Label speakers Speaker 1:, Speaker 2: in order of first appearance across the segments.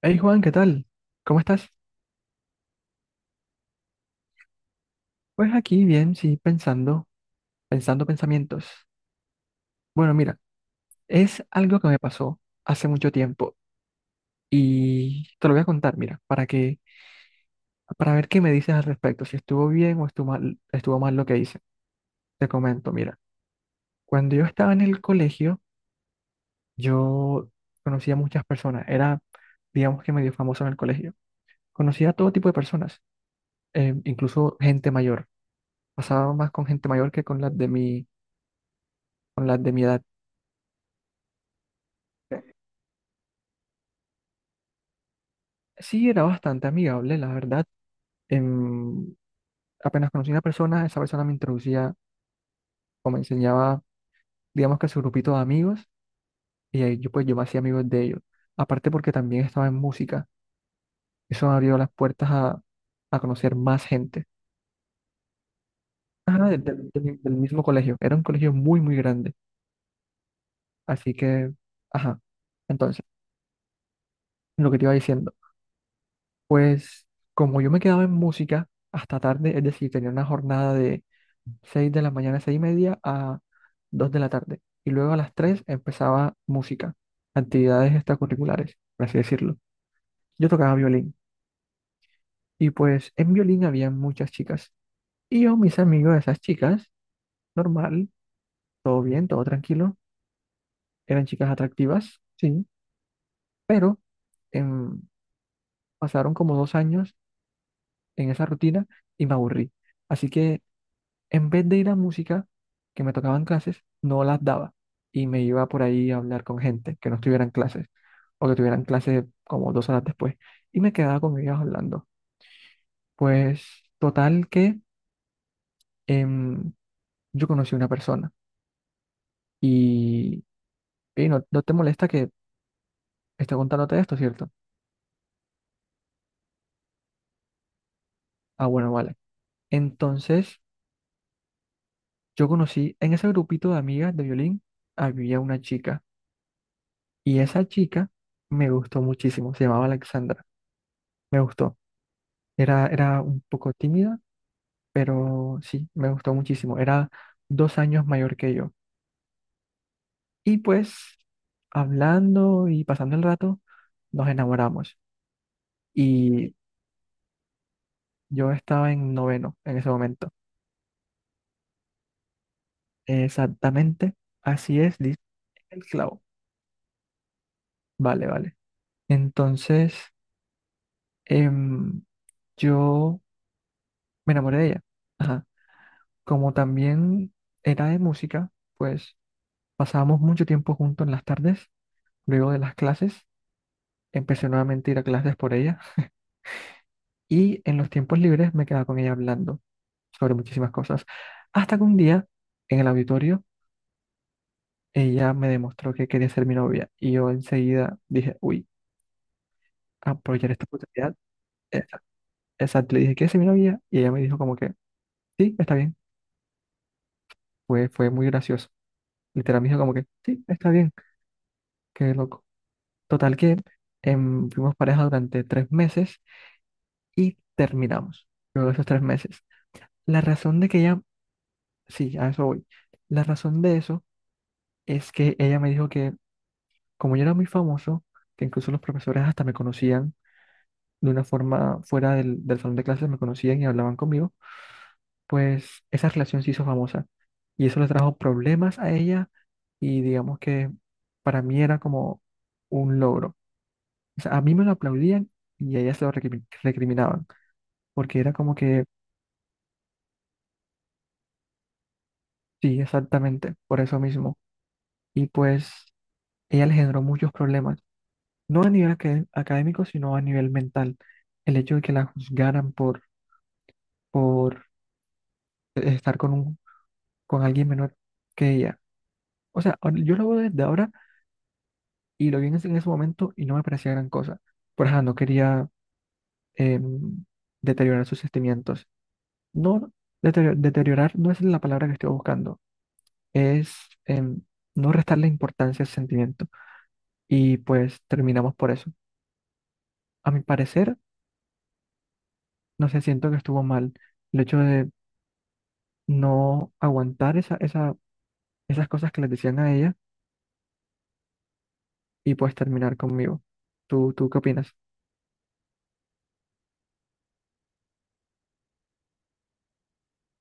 Speaker 1: Hey Juan, ¿qué tal? ¿Cómo estás? Pues aquí bien, sí, pensando pensamientos. Bueno, mira, es algo que me pasó hace mucho tiempo y te lo voy a contar, mira, para ver qué me dices al respecto, si estuvo bien o estuvo mal lo que hice. Te comento, mira, cuando yo estaba en el colegio, yo conocía muchas personas, era, digamos que medio famoso en el colegio. Conocía a todo tipo de personas, incluso gente mayor. Pasaba más con gente mayor que con las de mi edad. Sí, era bastante amigable, la verdad. Em, Apenas conocí a una persona, esa persona me introducía o me enseñaba, digamos que su grupito de amigos, y ahí yo me hacía amigos de ellos. Aparte porque también estaba en música, eso me abrió las puertas a conocer más gente. Ajá, del mismo colegio, era un colegio muy, muy grande, así que, ajá, entonces, lo que te iba diciendo, pues como yo me quedaba en música hasta tarde, es decir, tenía una jornada 6 de la mañana, 6:30 a 2 de la tarde. Y luego a las 3 empezaba música, actividades extracurriculares, por así decirlo. Yo tocaba violín y pues en violín había muchas chicas. Y yo, mis amigos de esas chicas, normal, todo bien, todo tranquilo, eran chicas atractivas, sí, pero em, pasaron como 2 años en esa rutina y me aburrí. Así que en vez de ir a música, que me tocaban clases, no las daba y me iba por ahí a hablar con gente que no estuvieran clases o que tuvieran clases como 2 horas después y me quedaba con ellos hablando. Pues total que em, yo conocí una persona y, "Ey, no, no te molesta que esté contándote esto, ¿cierto? Ah, bueno, vale. Entonces yo conocí en ese grupito de amigas de violín había una chica y esa chica me gustó muchísimo, se llamaba Alexandra, me gustó. Era un poco tímida, pero sí, me gustó muchísimo. Era 2 años mayor que yo. Y pues, hablando y pasando el rato, nos enamoramos. Y yo estaba en noveno en ese momento. Exactamente, así es, dice el clavo. Vale, vale. Entonces, em, yo me enamoré de ella. Ajá. Como también era de música, pues pasábamos mucho tiempo juntos en las tardes, luego de las clases. Empecé nuevamente a ir a clases por ella y en los tiempos libres me quedaba con ella hablando sobre muchísimas cosas. Hasta que un día, en el auditorio, ella me demostró que quería ser mi novia y yo enseguida dije, uy, aprovechar esta oportunidad. Esa- Exacto, le dije, ¿quieres ser mi novia? Y ella me dijo como que, sí, está bien. Fue muy gracioso. Literal me dijo como que, sí, está bien, qué loco. Total que fuimos pareja durante 3 meses y terminamos. Luego de esos 3 meses. La razón de que ella. Sí, a eso voy. La razón de eso es que ella me dijo que como yo era muy famoso, que incluso los profesores hasta me conocían de una forma fuera del salón de clases, me conocían y hablaban conmigo, pues esa relación se hizo famosa. Y eso le trajo problemas a ella y digamos que para mí era como un logro. O sea, a mí me lo aplaudían y a ella se lo recriminaban, porque era como que, sí, exactamente, por eso mismo. Y pues ella le generó muchos problemas no a nivel académico, sino a nivel mental. El hecho de que la juzgaran por estar con alguien menor que ella. O sea, yo lo veo desde ahora y lo vi en ese momento y no me parecía gran cosa. Por ejemplo, no quería em, deteriorar sus sentimientos. No, deteriorar no es la palabra que estoy buscando, es, em, no restarle importancia al sentimiento. Y pues terminamos por eso. A mi parecer, no sé, siento que estuvo mal el hecho de no aguantar esas cosas que les decían a ella y pues terminar conmigo. ¿Tú qué opinas?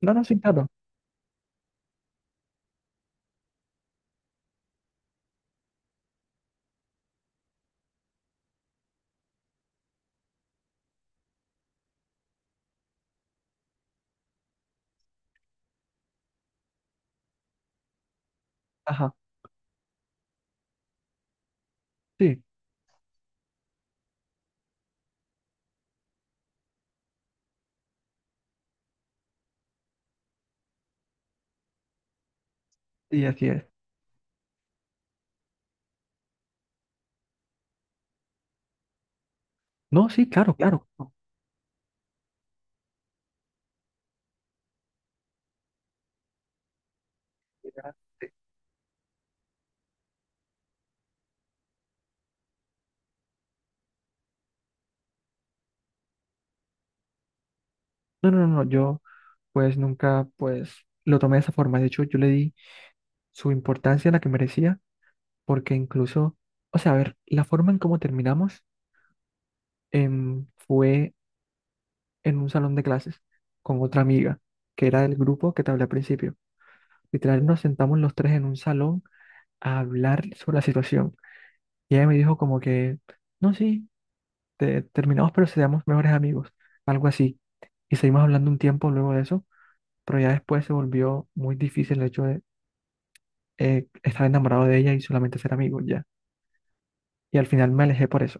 Speaker 1: No, no, sí, claro. Ajá, sí, sí, así es. No, sí, claro, claro. No, ya, sí. No, no, no, no, yo pues nunca pues lo tomé de esa forma. De hecho, yo le di su importancia a la que merecía porque incluso, o sea, a ver, la forma en cómo terminamos, fue en un salón de clases con otra amiga que era del grupo que te hablé al principio. Literal, nos sentamos los tres en un salón a hablar sobre la situación. Y ella me dijo como que, no, sí, terminamos, pero seamos mejores amigos, algo así. Y seguimos hablando un tiempo luego de eso, pero ya después se volvió muy difícil el hecho de estar enamorado de ella y solamente ser amigos ya. Y al final me alejé por eso.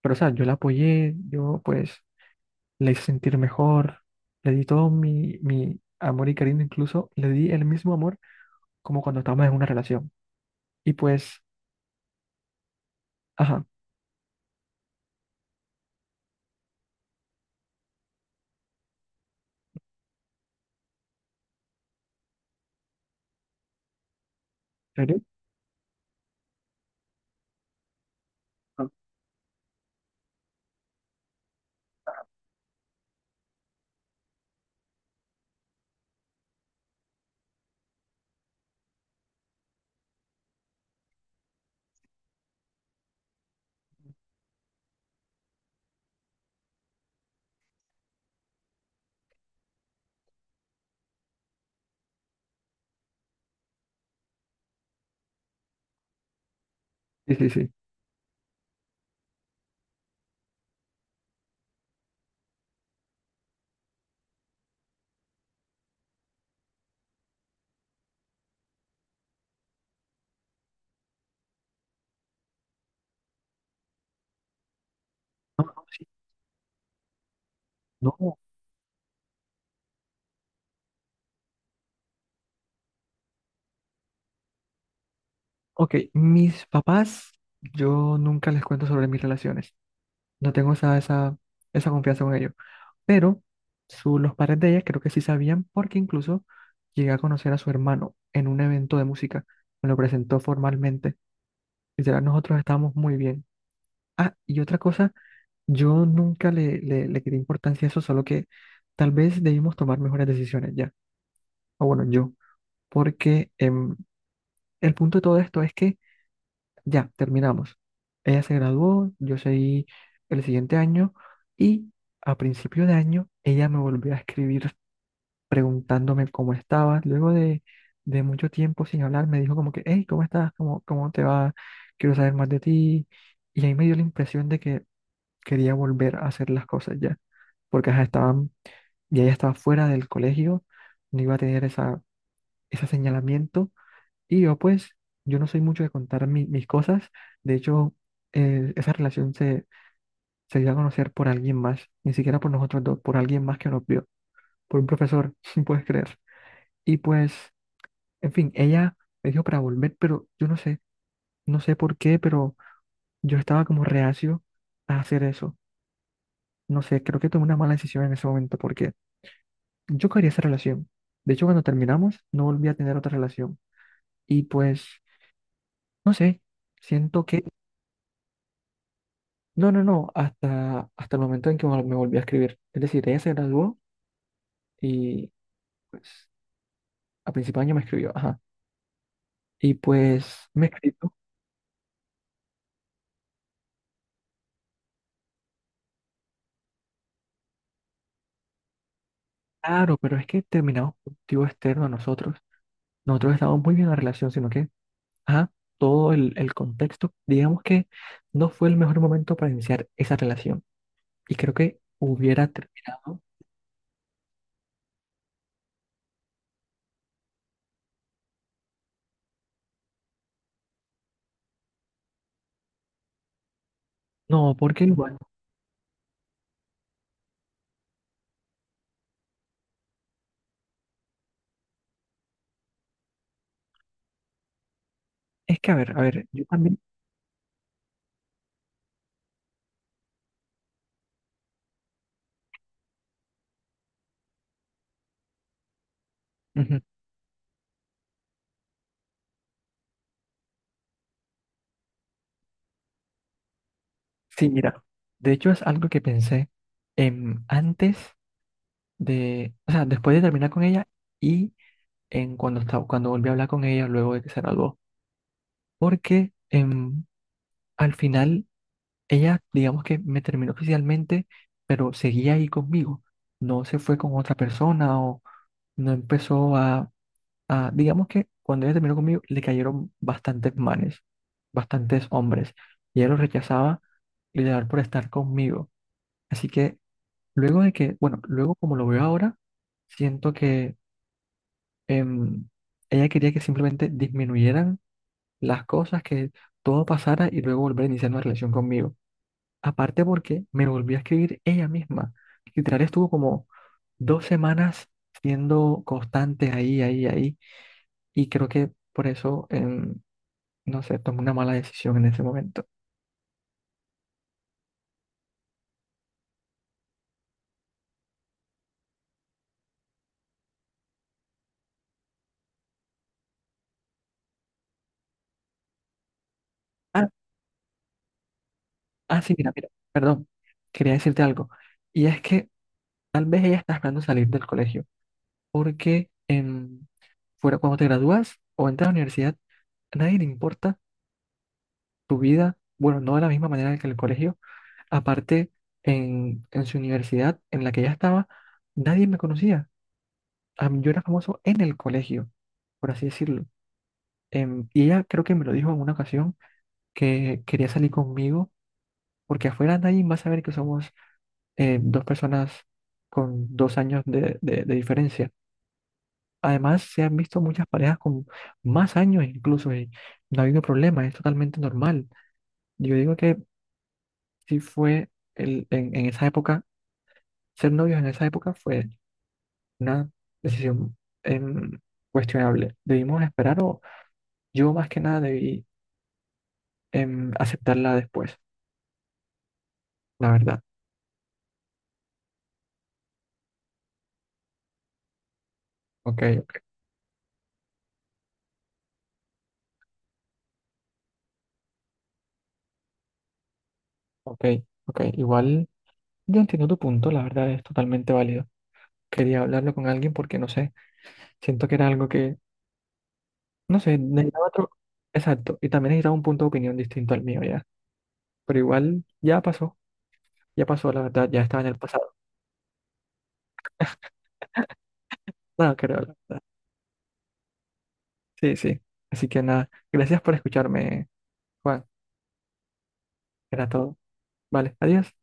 Speaker 1: Pero, o sea, yo la apoyé, yo pues le hice sentir mejor, le di todo mi amor y cariño, incluso le di el mismo amor como cuando estábamos en una relación. Y pues, ajá, ¿en serio? Ah, sí, sí, sí. No, no, sí. No, OK, mis papás, yo nunca les cuento sobre mis relaciones. No tengo esa confianza con ellos. Pero los padres de ella creo que sí sabían porque incluso llegué a conocer a su hermano en un evento de música. Me lo presentó formalmente. Literal, nosotros estábamos muy bien. Ah, y otra cosa, yo nunca le quité importancia a eso, solo que tal vez debimos tomar mejores decisiones ya. O bueno, yo. Porque el punto de todo esto es que ya, terminamos. Ella se graduó, yo seguí el siguiente año y a principio de año ella me volvió a escribir preguntándome cómo estaba. Luego de mucho tiempo sin hablar, me dijo como que, hey, ¿cómo estás? ¿Cómo te va? Quiero saber más de ti. Y ahí me dio la impresión de que quería volver a hacer las cosas ya, porque ajá, ya ella estaba fuera del colegio, no iba a tener ese señalamiento y yo pues, yo no soy mucho de contar mis cosas. De hecho, esa relación se dio a conocer por alguien más, ni siquiera por nosotros dos, por alguien más que nos vio, por un profesor, si puedes creer. Y pues, en fin, ella me dijo para volver, pero yo no sé, no sé por qué, pero yo estaba como reacio a hacer eso. No sé, creo que tomé una mala decisión en ese momento porque yo quería esa relación. De hecho, cuando terminamos, no volví a tener otra relación. Y pues, no sé, siento que. No, no, no, hasta el momento en que me volví a escribir. Es decir, ella se graduó y pues a principio de año me escribió, ajá. Y pues me escribió, claro, pero es que terminamos por un motivo externo a nosotros. Nosotros estábamos muy bien en la relación, sino que, ajá, todo el contexto, digamos que no fue el mejor momento para iniciar esa relación. Y creo que hubiera terminado. No, porque igual, es que a ver, yo también, ujú. Sí, mira, de hecho es algo que pensé, antes. O sea, después de terminar con ella y cuando volví a hablar con ella luego de que se graduó, porque al final ella, digamos que me terminó oficialmente, pero seguía ahí conmigo, no se fue con otra persona o no empezó digamos que cuando ella terminó conmigo le cayeron bastantes manes, bastantes hombres y ella lo rechazaba literal por estar conmigo, así que luego de que, bueno, luego como lo veo ahora, siento que em, ella quería que simplemente disminuyeran las cosas, que todo pasara y luego volver a iniciar una relación conmigo. Aparte porque me volvió a escribir ella misma. Literal estuvo como 2 semanas siendo constante ahí, ahí, ahí. Y creo que por eso, no sé, tomé una mala decisión en ese momento. Ah, ah, sí, mira, mira, perdón. Quería decirte algo. Y es que tal vez ella está esperando salir del colegio porque fuera cuando te gradúas o entras a la universidad, a nadie le importa tu vida, bueno, no de la misma manera que en el colegio. Aparte, en su universidad en la que ya estaba, nadie me conocía. Yo era famoso en el colegio, por así decirlo. Y ella creo que me lo dijo en una ocasión que quería salir conmigo porque afuera nadie va a saber que somos dos personas con 2 años de diferencia. Además, se han visto muchas parejas con más años incluso y no ha habido problema, es totalmente normal. Yo digo que si fue en esa época, ser novios en esa época fue una decisión, em, cuestionable. Debimos esperar o yo más que nada debí, aceptarla después, la verdad. Ok, ok, ok. Igual yo entiendo tu punto, la verdad es totalmente válido. Quería hablarlo con alguien porque no sé, siento que era algo que. No sé, necesitaba otro. Exacto. Y también necesitaba un punto de opinión distinto al mío ya. Pero igual ya pasó. Ya pasó, la verdad. Ya estaba en el pasado. Nada, creo, la verdad. Sí, sí. Así que nada. Gracias por escucharme, Juan. Era todo. Vale, adiós.